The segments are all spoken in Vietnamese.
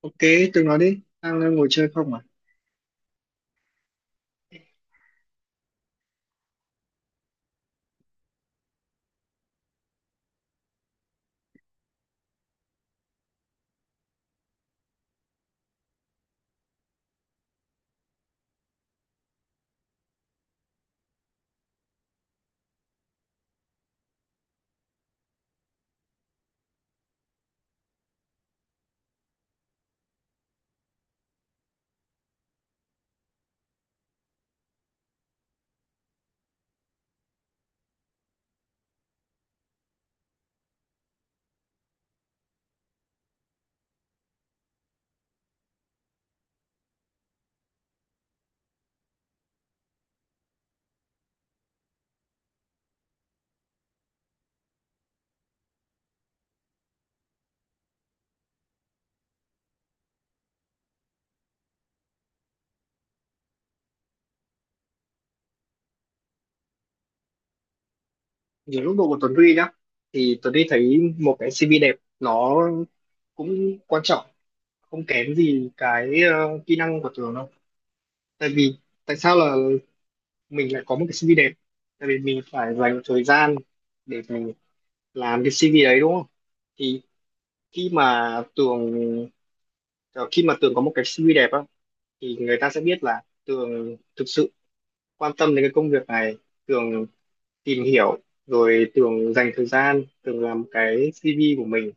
Ok, tôi nói đi, đang ngồi chơi không à? Nhiều lúc độ của Tuấn Huy nhá, thì Tuấn Huy thấy một cái CV đẹp nó cũng quan trọng, không kém gì cái kỹ năng của Tường đâu. Tại vì Tại sao là mình lại có một cái CV đẹp? Tại vì mình phải dành một thời gian để mình làm cái CV đấy đúng không? Thì khi mà Tường ờ, khi mà Tường có một cái CV đẹp á, thì người ta sẽ biết là Tường thực sự quan tâm đến cái công việc này, Tường tìm hiểu rồi Tường dành thời gian Tường làm cái CV của mình,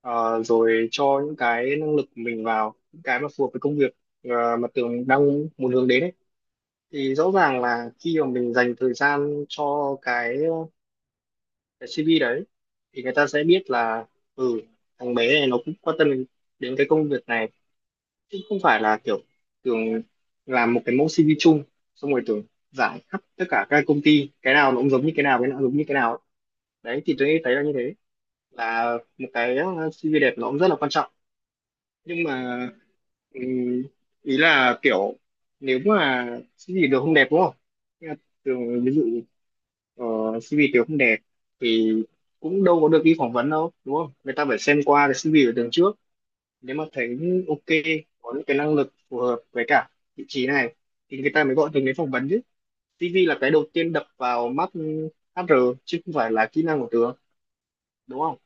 rồi cho những cái năng lực của mình vào những cái mà phù hợp với công việc mà Tường đang muốn hướng đến ấy. Thì rõ ràng là khi mà mình dành thời gian cho cái CV đấy thì người ta sẽ biết là ừ thằng bé này nó cũng quan tâm đến đến cái công việc này, chứ không phải là kiểu Tường làm một cái mẫu CV chung xong rồi Tường giải khắp tất cả các công ty, cái nào nó cũng giống như cái nào, cái nào cũng giống như cái nào ấy. Đấy thì tôi nghĩ thấy là như thế, là một cái CV đẹp nó cũng rất là quan trọng, nhưng mà ừm, ý là kiểu nếu mà CV được không đẹp đúng không? Nhưng mà thường ví dụ CV Tường không đẹp thì cũng đâu có được đi phỏng vấn đâu, đúng không? Người ta phải xem qua cái CV của Tường trước, nếu mà thấy ok có những cái năng lực phù hợp với cả vị trí này thì người ta mới gọi Tường đến phỏng vấn chứ. CV là cái đầu tiên đập vào mắt HR chứ không phải là kỹ năng của Tường, đúng không?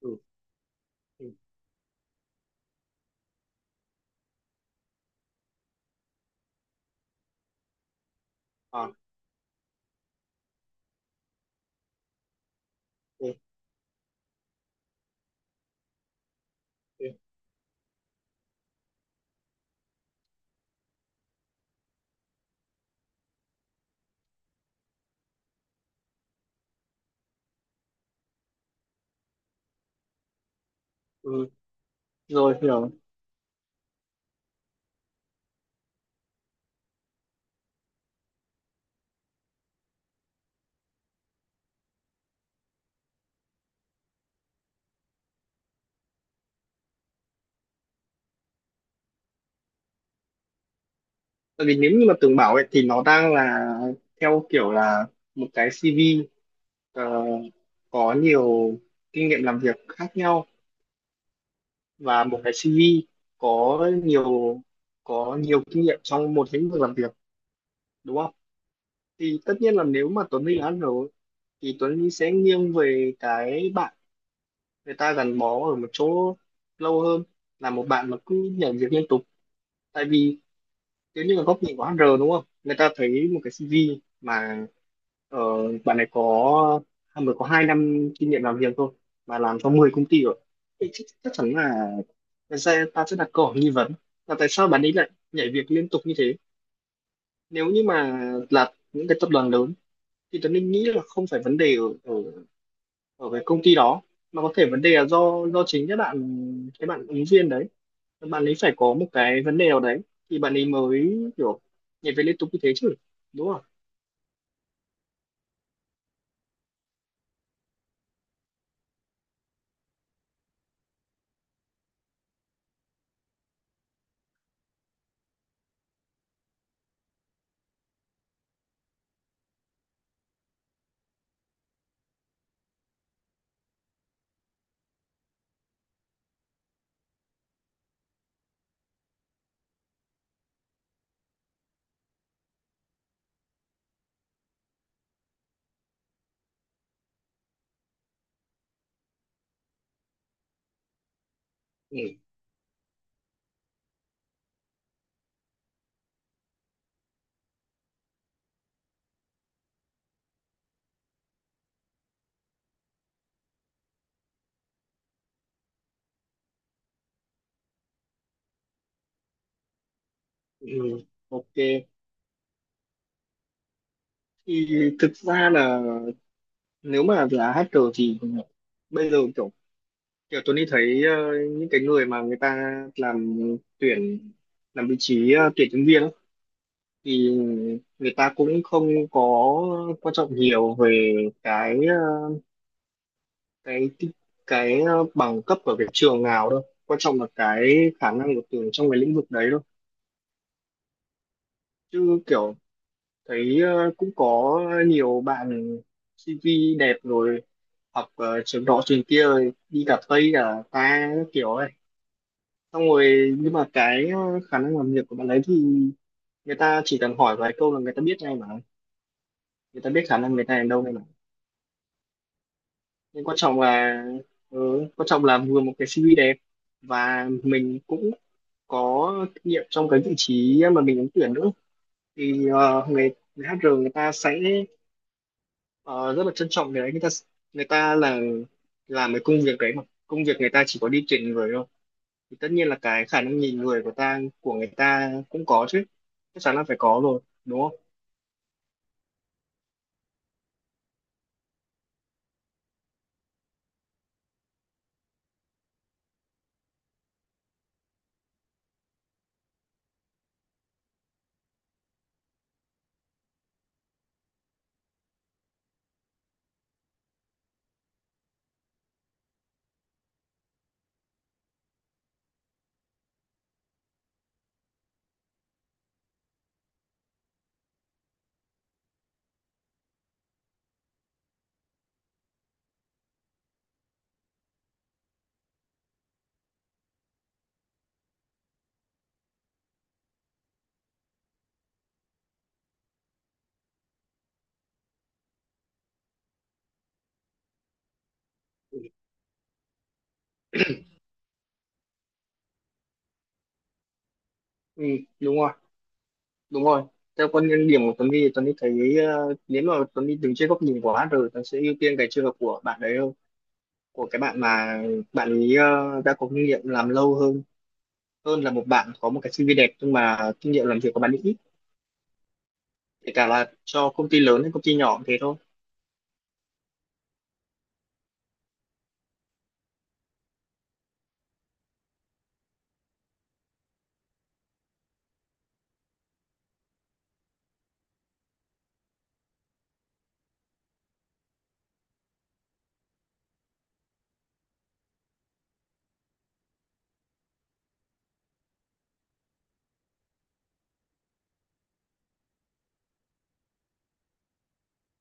Ừ, ừ. Ờ, ừ, rồi hiểu. Tại vì nếu như mà tường bảo ấy thì nó đang là theo kiểu là một cái CV ờ, có nhiều kinh nghiệm làm việc khác nhau, và một cái CV có nhiều có nhiều kinh nghiệm trong một lĩnh vực làm việc, đúng không? Thì tất nhiên là nếu mà Tuấn Huy đã ăn rồi thì Tuấn Huy sẽ nghiêng về cái bạn người ta gắn bó ở một chỗ lâu hơn là một bạn mà cứ nhảy việc liên tục. Tại vì nếu như là góc nhìn của HR đúng không? Người ta thấy một cái CV mà Ờ, bạn này có mới có 2 năm kinh nghiệm làm việc thôi mà làm cho 10 công ty rồi. Thế chắc chắn ta sẽ đặt câu hỏi nghi vấn là tại sao bạn ấy lại nhảy việc liên tục như thế. Nếu như mà là những cái tập đoàn lớn thì Tuấn Linh nghĩ là không phải vấn đề ở ở cái công ty đó, mà có thể vấn đề là do chính các bạn cái bạn ứng viên đấy, bạn ấy phải có một cái vấn đề nào đấy thì bạn ấy mới kiểu nhảy việc liên tục như thế chứ, đúng không? Ừ. Ừ. Ok, thì thực ra là nếu mà là hacker thì bây giờ kiểu kiểu tôi đi thấy những cái người mà người ta làm tuyển làm vị trí tuyển nhân viên ấy, thì người ta cũng không có quan trọng nhiều về cái cái bằng cấp ở cái trường nào đâu, quan trọng là cái khả năng của Tường trong cái lĩnh vực đấy thôi. Chứ kiểu thấy cũng có nhiều bạn CV đẹp rồi, học trường đó trường kia rồi đi cả Tây cả ta các kiểu ấy, xong rồi nhưng mà cái khả năng làm việc của bạn ấy thì người ta chỉ cần hỏi vài câu là người ta biết ngay mà, người ta biết khả năng người ta ở đâu ngay mà. Nhưng quan trọng là, quan trọng là vừa một cái CV đẹp và mình cũng có kinh nghiệm trong cái vị trí mà mình ứng tuyển nữa, thì người HR người ta sẽ ờ, rất là trân trọng cái đấy. Người ta là làm cái công việc đấy mà, công việc người ta chỉ có đi tuyển người thôi, thì tất nhiên là cái khả năng nhìn người của người ta cũng có chứ, chắc chắn là phải có rồi đúng không. Ừ, đúng rồi, đúng rồi. Theo quan điểm của Tuấn thì Tuấn đi thấy nếu mà Tuấn đi đứng trên góc nhìn của HR, Tuấn sẽ ưu tiên cái trường hợp của bạn đấy hơn, của cái bạn mà bạn ấy đã có kinh nghiệm làm lâu hơn, hơn là một bạn có một cái CV đẹp nhưng mà kinh nghiệm làm việc của bạn ấy ít, kể cả là cho công ty lớn hay công ty nhỏ cũng thế thôi.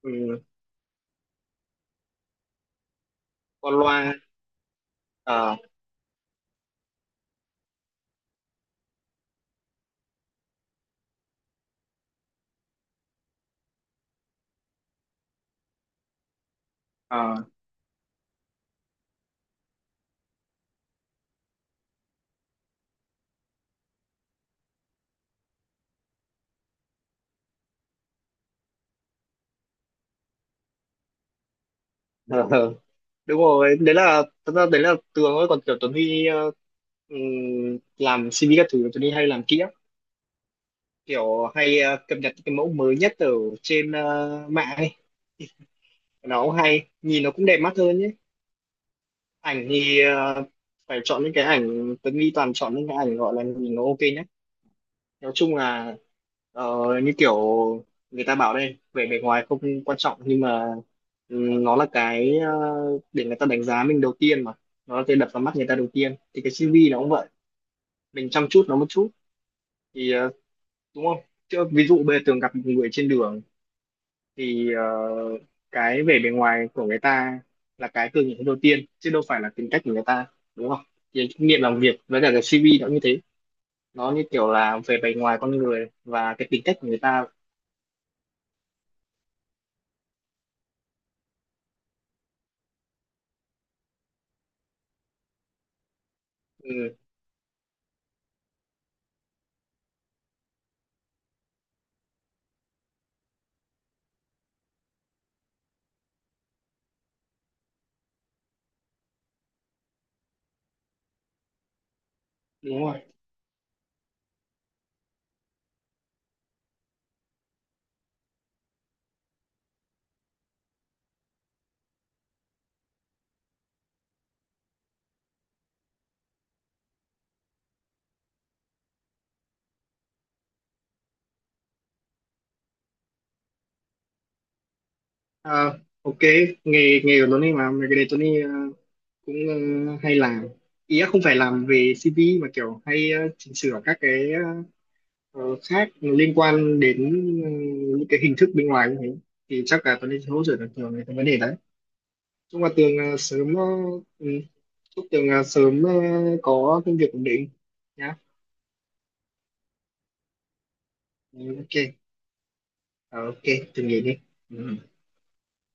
Ừ, con loa. Ờ. Ờ. Ờ. Ờ. Đúng rồi, đấy là thật ra đấy là tường thôi, còn kiểu Tuấn Huy làm CV các thứ tôi đi hay làm kỹ lắm, kiểu hay cập nhật cái mẫu mới nhất ở trên mạng ấy. Nó cũng hay nhìn nó cũng đẹp mắt hơn nhé. Ảnh thì phải chọn những cái ảnh, tôi nghĩ toàn chọn những cái ảnh gọi là nhìn nó ok nhất. Nói chung là ờ, như kiểu người ta bảo đây vẻ bề ngoài không quan trọng nhưng mà nó là cái để người ta đánh giá mình đầu tiên mà, nó là cái đập vào mắt người ta đầu tiên thì cái CV nó cũng vậy, mình chăm chút nó một chút thì đúng không? Chứ ví dụ bây giờ Tường gặp một người trên đường thì cái vẻ bề ngoài của người ta là cái Tường nhìn thấy đầu tiên chứ đâu phải là tính cách của người ta, đúng không? Thì kinh nghiệm làm việc với cả cái CV nó như thế, nó như kiểu là về bề ngoài con người và cái tính cách của người ta. Ừ, đúng rồi. Ờ, ok, nghề nghề của Tony mà mấy cái đấy Tony cũng hay làm, ý là không phải làm về CV mà kiểu hay chỉnh sửa các cái Ờ, khác liên quan đến, ừ, những cái hình thức bên ngoài như thế, thì chắc là tôi nên hỗ trợ được nhiều về cái vấn đề đấy. chúc là tường ờ, sớm ờ, ừ, Chúc tường sớm có công việc ổn định nhá. Ừ, ok. Ờ, ok, tường nghỉ đi. Ừ.